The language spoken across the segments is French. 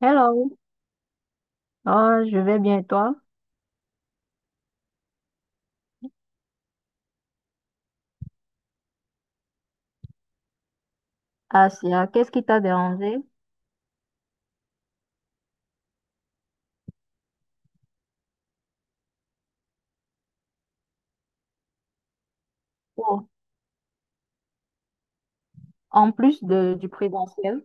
Hello, oh, je vais bien et toi? Asia, qu'est-ce qui t'a dérangé? Oh, en plus du présentiel,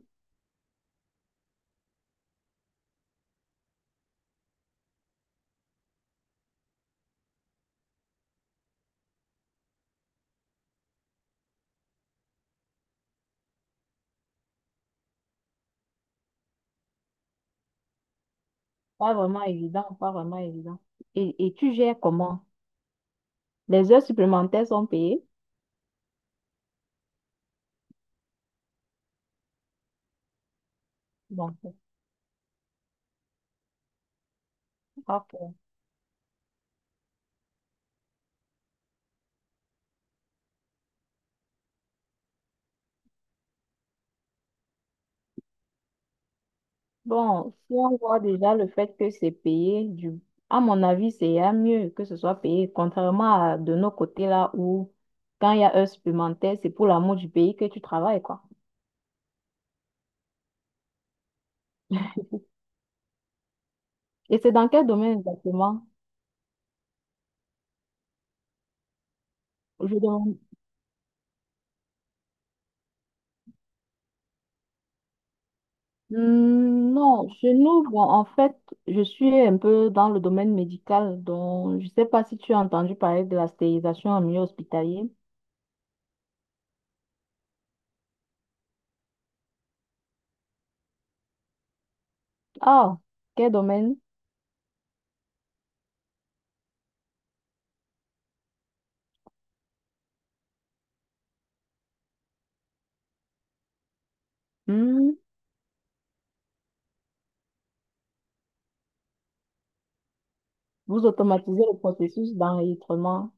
pas vraiment évident, pas vraiment évident. Et tu gères comment? Les heures supplémentaires sont payées? Bon, c'est pas faux. Bon, si on voit déjà le fait que c'est payé. À mon avis, c'est à mieux que ce soit payé, contrairement à de nos côtés là où quand il y a heures supplémentaires, c'est pour l'amour du pays que tu travailles, quoi. Et c'est dans quel domaine exactement? Je demande. Non, chez nous, bon, en fait, je suis un peu dans le domaine médical, donc je ne sais pas si tu as entendu parler de la stérilisation en milieu hospitalier. Ah, quel domaine? Hmm, Vous automatisez le processus d'enregistrement.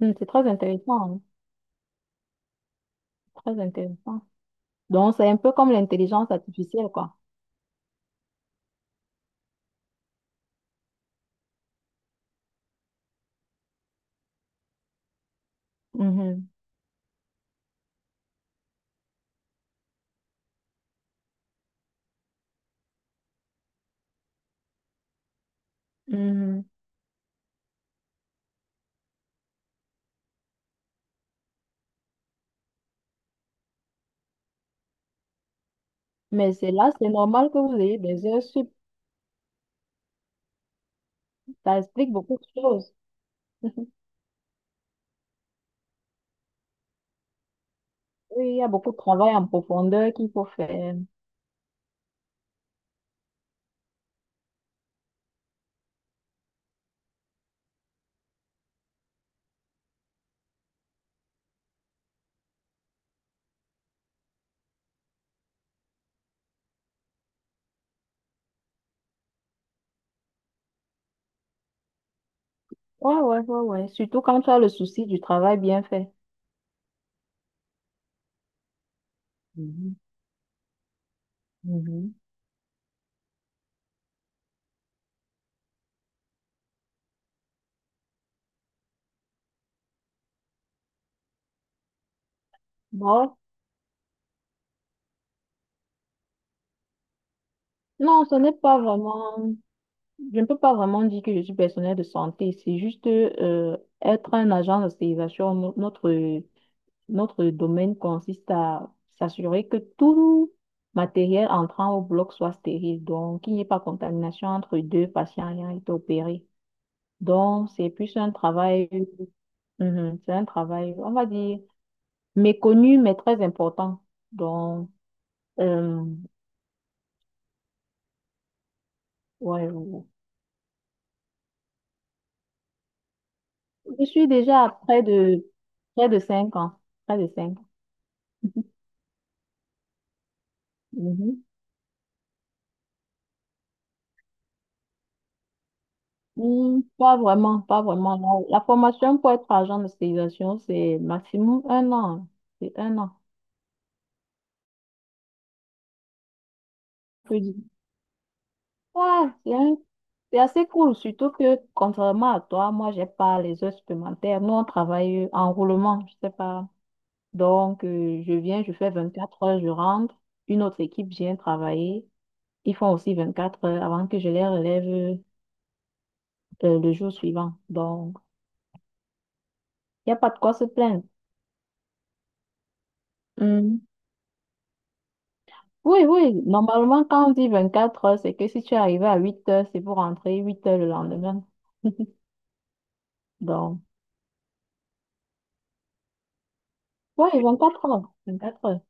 C'est très intéressant, hein, très intéressant. Donc, c'est un peu comme l'intelligence artificielle, quoi. Mhm, mhm. Mais c'est là, c'est normal que vous ayez des heures sup. Ça explique beaucoup de choses. Oui, il y a beaucoup de travail en profondeur qu'il faut faire. Ouais, ouais, ouais, ouais. Surtout quand tu as le souci du travail bien fait. Mhm, mhm. Bon, non, ce n'est pas vraiment. Je ne peux pas vraiment dire que je suis personnel de santé. C'est juste être un agent d'hospitalisation. Notre domaine consiste à s'assurer que tout matériel entrant au bloc soit stérile. Donc, qu'il n'y ait pas contamination entre deux patients ayant été opérés. Donc, c'est plus un travail. Mhm, c'est un travail, on va dire méconnu, mais très important. Donc, euh, ouais, ouais. Je suis déjà à près de 5 ans. Près de 5 ans. Mhm. Hmm, pas vraiment, pas vraiment. La formation pour être agent de stérilisation, c'est maximum un an. C'est un an. Je dis. Ouais, c'est assez cool, surtout que contrairement à toi, moi, j'ai pas les heures supplémentaires. Nous, on travaille en roulement, je sais pas. Donc, je viens, je fais 24 heures, je rentre. Une autre équipe vient travailler. Ils font aussi 24 heures avant que je les relève le jour suivant. Donc, il n'y a pas de quoi se plaindre. Hum, Oui, oui. Normalement, quand on dit 24 heures, c'est que si tu es arrivé à 8 heures, c'est pour rentrer 8 heures le lendemain. Donc, oui, 4 heures. 24 heures.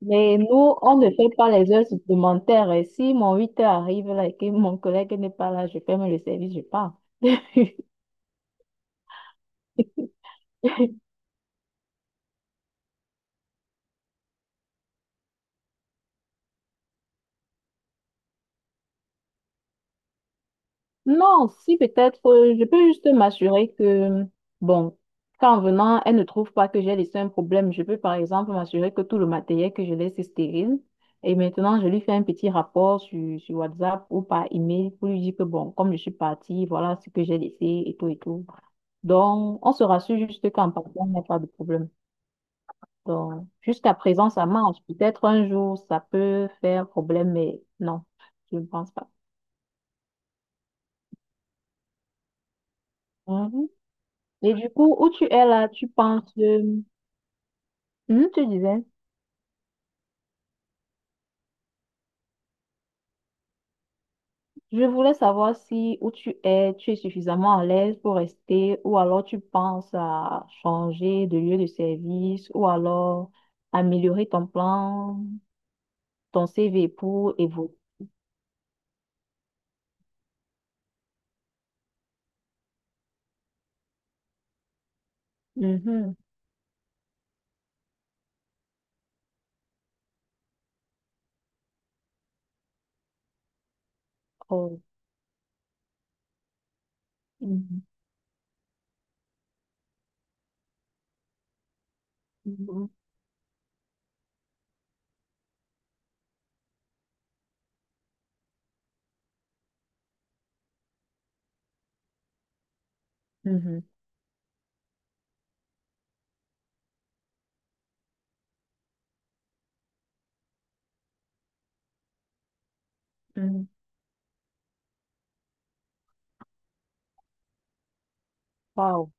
Mais nous, on ne fait pas les heures supplémentaires. Et si mon 8 heures arrive là et que mon collègue n'est pas là, je ferme le service, je pars. Non, si peut-être, je peux juste m'assurer que, bon, qu'en venant, elle ne trouve pas que j'ai laissé un problème. Je peux par exemple m'assurer que tout le matériel que je laisse est stérile. Et maintenant, je lui fais un petit rapport sur, sur WhatsApp ou par email pour lui dire que, bon, comme je suis partie, voilà ce que j'ai laissé et tout et tout. Donc, on se rassure juste qu'en partant, il n'y a pas de problème. Donc, jusqu'à présent, ça marche. Peut-être un jour, ça peut faire problème, mais non, je ne pense pas. Et du coup, où tu es là, tu penses, tu disais, je voulais savoir si où tu es suffisamment à l'aise pour rester, ou alors tu penses à changer de lieu de service, ou alors améliorer ton plan, ton CV pour évoluer. Mhm. Oh. Mhm. Mhm. Mhm. Mhm. Wow.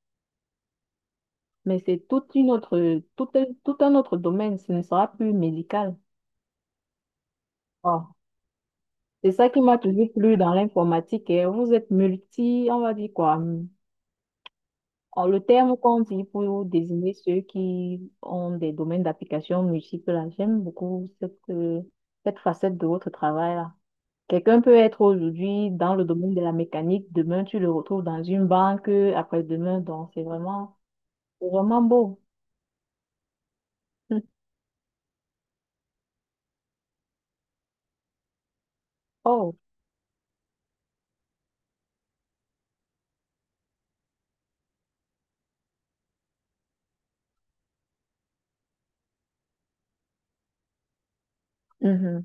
Mais c'est toute une autre, tout un autre domaine, ce ne sera plus médical. Wow. C'est ça qui m'a toujours plu dans l'informatique, hein. Vous êtes multi, on va dire quoi? Le terme qu'on dit pour désigner ceux qui ont des domaines d'application multiples, là. J'aime beaucoup cette facette de votre travail là. Quelqu'un peut être aujourd'hui dans le domaine de la mécanique, demain tu le retrouves dans une banque, après-demain, donc c'est vraiment beau. Hum. Oh, mhm.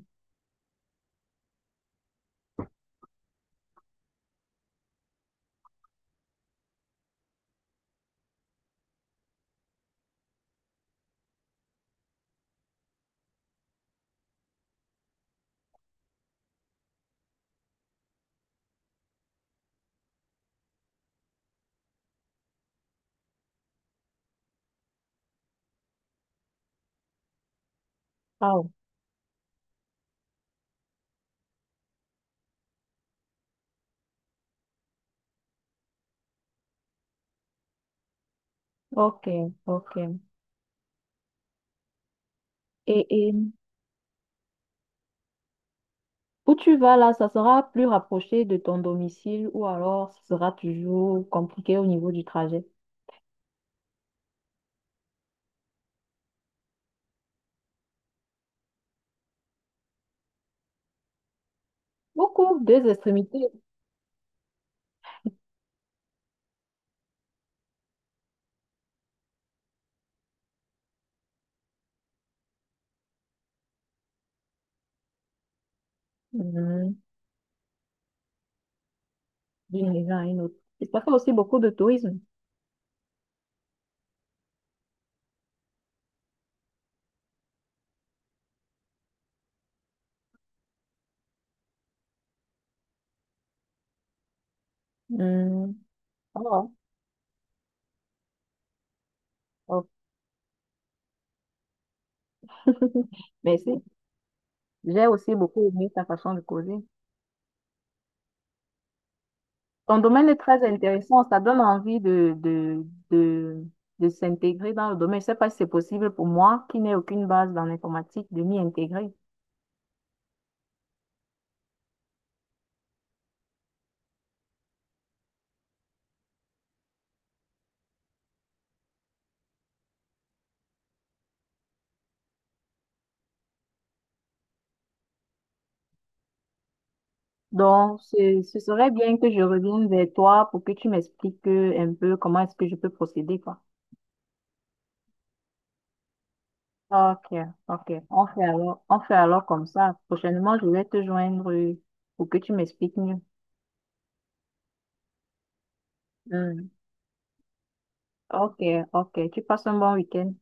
Oh, ok, ok. Et où tu vas là, ça sera plus rapproché de ton domicile ou alors ce sera toujours compliqué au niveau du trajet. Beaucoup, deux extrémités. Mhm. D'une région à une autre. Il ça fait aussi beaucoup de tourisme. Mhm. Oh, oh. Mais si, j'ai aussi beaucoup aimé ta façon de causer. Ton domaine est très intéressant, ça donne envie de, de s'intégrer dans le domaine. Je ne sais pas si c'est possible pour moi, qui n'ai aucune base dans l'informatique, de m'y intégrer. Donc, ce serait bien que je revienne vers toi pour que tu m'expliques un peu comment est-ce que je peux procéder, quoi. Ok, ok. On fait alors comme ça. Prochainement, je vais te joindre pour que tu m'expliques mieux. Hmm. Ok, ok. Tu passes un bon week-end.